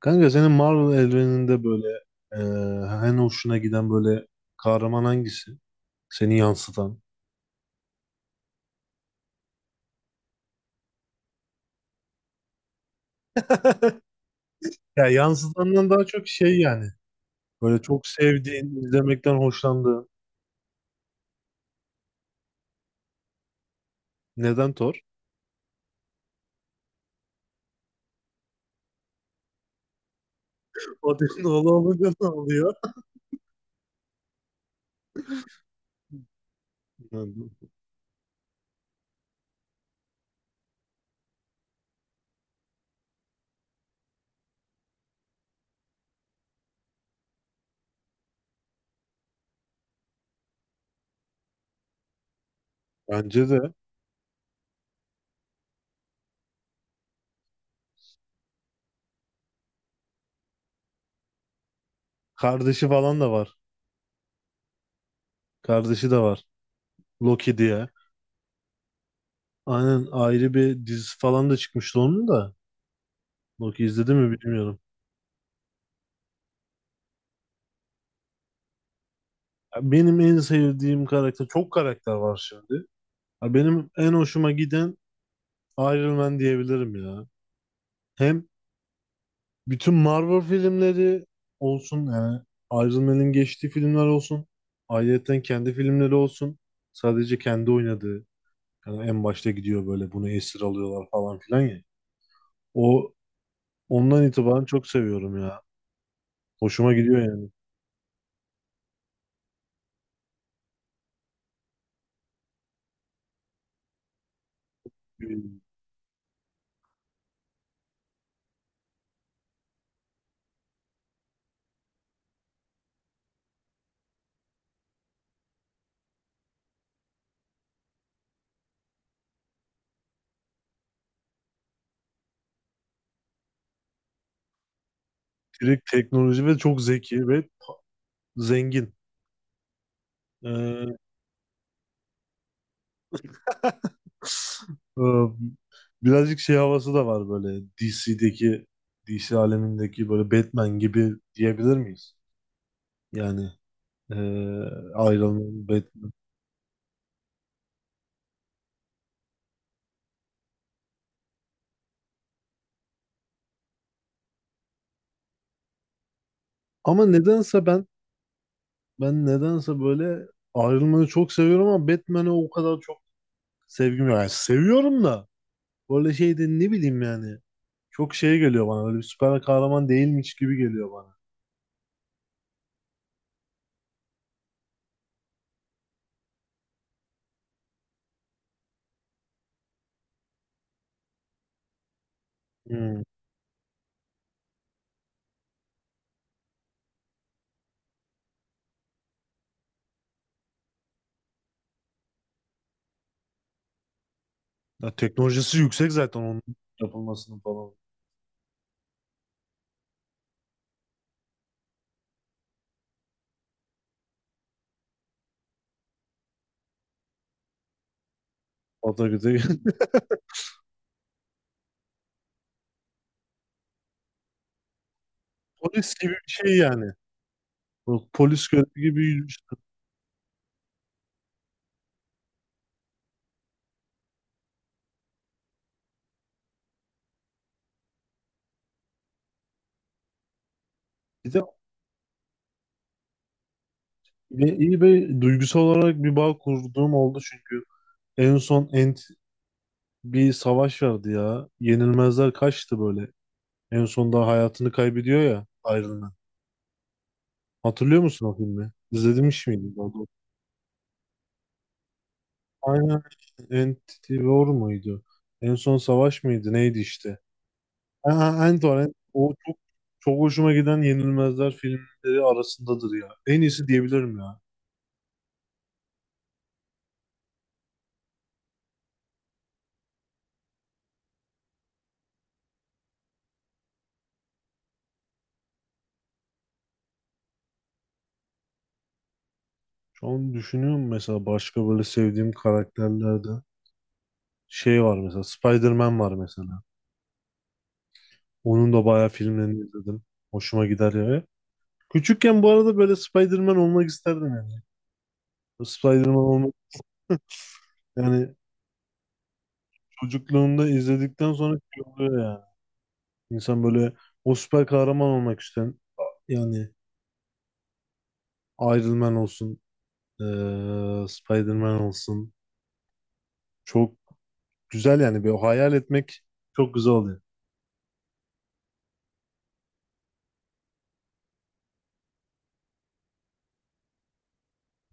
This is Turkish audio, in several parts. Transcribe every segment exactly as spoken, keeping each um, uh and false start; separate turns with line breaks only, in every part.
Kanka senin Marvel evreninde böyle eee en hoşuna giden böyle kahraman hangisi? Seni yansıtan. Ya yansıtandan daha çok şey yani. Böyle çok sevdiğin, izlemekten hoşlandığın. Neden Thor? Odin'in oğlu olunca ne oluyor? Bence de. Kardeşi falan da var. Kardeşi de var. Loki diye. Aynen, ayrı bir dizisi falan da çıkmıştı onun da. Loki izledi mi bilmiyorum. Ya benim en sevdiğim karakter, çok karakter var şimdi. Ya benim en hoşuma giden Iron Man diyebilirim ya. Hem bütün Marvel filmleri olsun yani, Iron Man'in geçtiği filmler olsun. Ayrıyeten kendi filmleri olsun. Sadece kendi oynadığı. Yani en başta gidiyor böyle, bunu esir alıyorlar falan filan ya. O Ondan itibaren çok seviyorum ya. Hoşuma gidiyor yani. Direkt teknoloji ve çok zeki ve zengin. Ee, e, Birazcık şey havası da var böyle, D C'deki D C alemindeki böyle Batman gibi diyebilir miyiz? Yani eee ayrılmayı Batman. Ama nedense ben ben nedense böyle ayrılmayı çok seviyorum ama Batman'e o kadar çok sevgim yok. Yani seviyorum da, böyle şey ne bileyim yani. Çok şey geliyor bana. Böyle bir süper kahraman değilmiş gibi geliyor bana. Hmm. Ya teknolojisi yüksek zaten onun yapılmasının falan. O da güzel. Polis gibi bir şey yani. Bu polis görevi gibi. Bir de bir- iyi bir duygusal olarak bir bağ kurduğum oldu, çünkü en son Ant bir savaş vardı ya. Yenilmezler kaçtı böyle. En sonunda hayatını kaybediyor ya Iron. Hatırlıyor musun o filmi? İzlemiş miydin daha doğrusu? Aynen. Infinity War muydu? En son savaş mıydı? Neydi işte? Ha, Ant War. Ant- O çok, çok hoşuma giden Yenilmezler filmleri arasındadır ya. En iyisi diyebilirim ya. Şu an düşünüyorum mesela, başka böyle sevdiğim karakterlerde şey var mesela, Spider-Man var mesela. Onun da bayağı filmlerini izledim. Hoşuma gider ya. Küçükken bu arada böyle Spider-Man olmak isterdim yani. Spider-Man olmak yani, çocukluğunda izledikten sonra şey oluyor yani. İnsan böyle o süper kahraman olmak isteyen yani, Iron Man olsun, eee Spider-Man olsun. Çok güzel yani, bir hayal etmek çok güzel oluyor.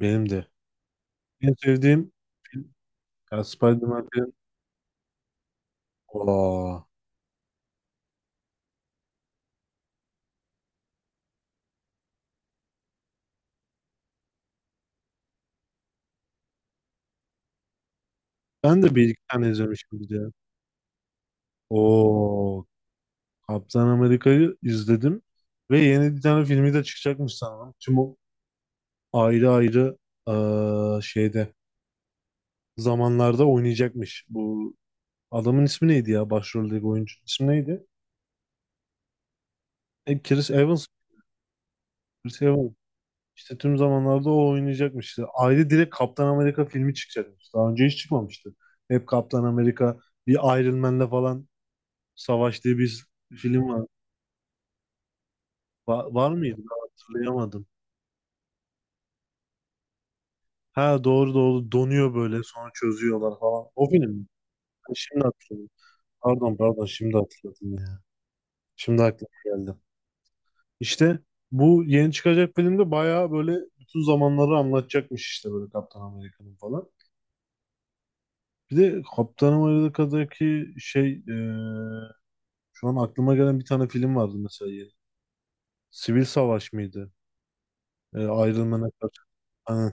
Benim de. En sevdiğim film yani Spider-Man film. Aa, ben de bir iki tane izlemişim bir de. Oo, Kaptan Amerika'yı izledim ve yeni bir tane filmi de çıkacakmış sanırım. Tüm o ayrı ayrı eee, şeyde zamanlarda oynayacakmış. Bu adamın ismi neydi ya? Başroldeki oyuncunun ismi neydi? E, Chris Evans. Chris Evans. İşte tüm zamanlarda o oynayacakmış. İşte ayrı, direkt Kaptan Amerika filmi çıkacakmış. Daha önce hiç çıkmamıştı. Hep Kaptan Amerika bir Iron Man'le falan savaştığı bir film var. Va- var mıydı? Ben hatırlayamadım. Ha, doğru doğru, donuyor böyle sonra çözüyorlar falan. O film mi? Ha, şimdi hatırladım. Pardon pardon, şimdi hatırladım ya. Şimdi aklıma geldi. İşte bu yeni çıkacak filmde bayağı böyle bütün zamanları anlatacakmış işte, böyle Kaptan Amerika'nın falan. Bir de Kaptan Amerika'daki şey, e, şu an aklıma gelen bir tane film vardı mesela, yeni. Sivil Savaş mıydı? E, Iron Man'a karşı. Ha.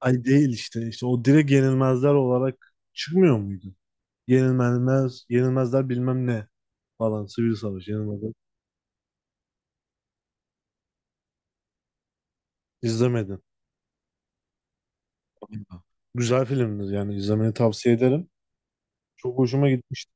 Ay değil işte. İşte o direkt Yenilmezler olarak çıkmıyor muydu? Yenilmez, Yenilmezler bilmem ne falan. Sivil Savaş Yenilmezler. İzlemedim. Güzel filmdir yani, izlemeni tavsiye ederim. Çok hoşuma gitmişti.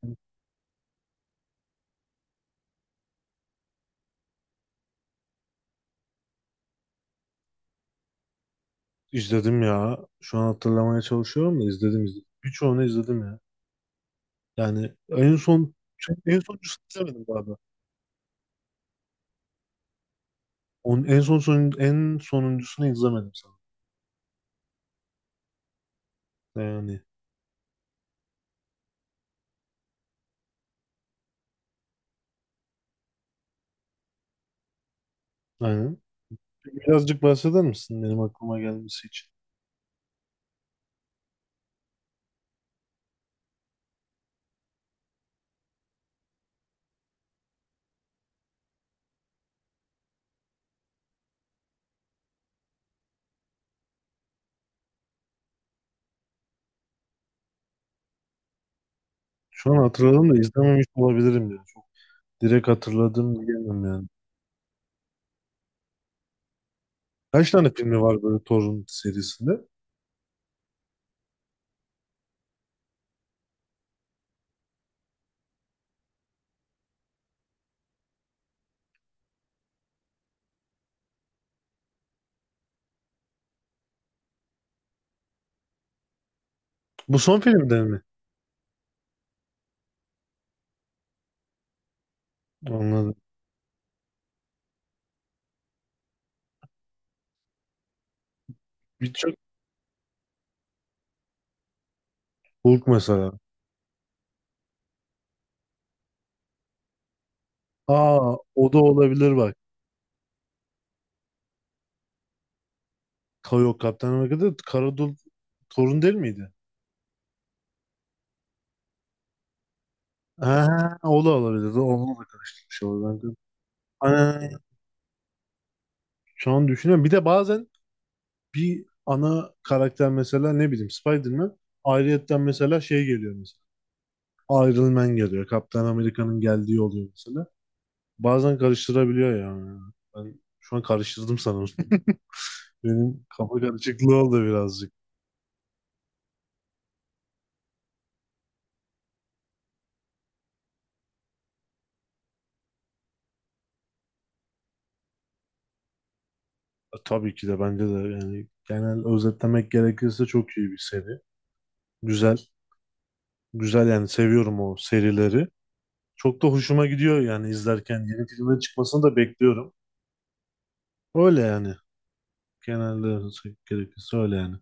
İzledim ya. Şu an hatırlamaya çalışıyorum da, izledim izledim. Birçoğunu izledim ya. Yani en son en sonuncusunu izlemedim galiba. Onun en son, son en sonuncusunu izlemedim sanırım. Yani aynen. Birazcık bahseder misin benim aklıma gelmesi için? Şu an hatırladım da izlememiş olabilirim ya. Çok direkt hatırladım diyemem yani. Kaç tane filmi var böyle Thor'un serisinde? Bu son filmde mi? Anladım. Birçok Hulk mesela. Aa, o da olabilir bak. Ka- Yok, Kaptan Amerika'da Karadul Thor'un değil miydi? Ha, o da olabilir. O- Onu da karıştırmış olabilir. Aa, şu an düşünüyorum. Bir de bazen bir ana karakter mesela, ne bileyim Spider-Man, ayrıyetten mesela şey geliyor mesela. Iron Man geliyor. Kaptan Amerika'nın geldiği oluyor mesela. Bazen karıştırabiliyor yani. Ben şu an karıştırdım sanırım. Benim kafa karışıklığı oldu birazcık. E, Tabii ki de, bence de yani, genel özetlemek gerekirse çok iyi bir seri. Güzel. Güzel, yani seviyorum o serileri. Çok da hoşuma gidiyor yani izlerken. Yeni filmlerin çıkmasını da bekliyorum. Öyle yani. Genelde gerekirse öyle yani.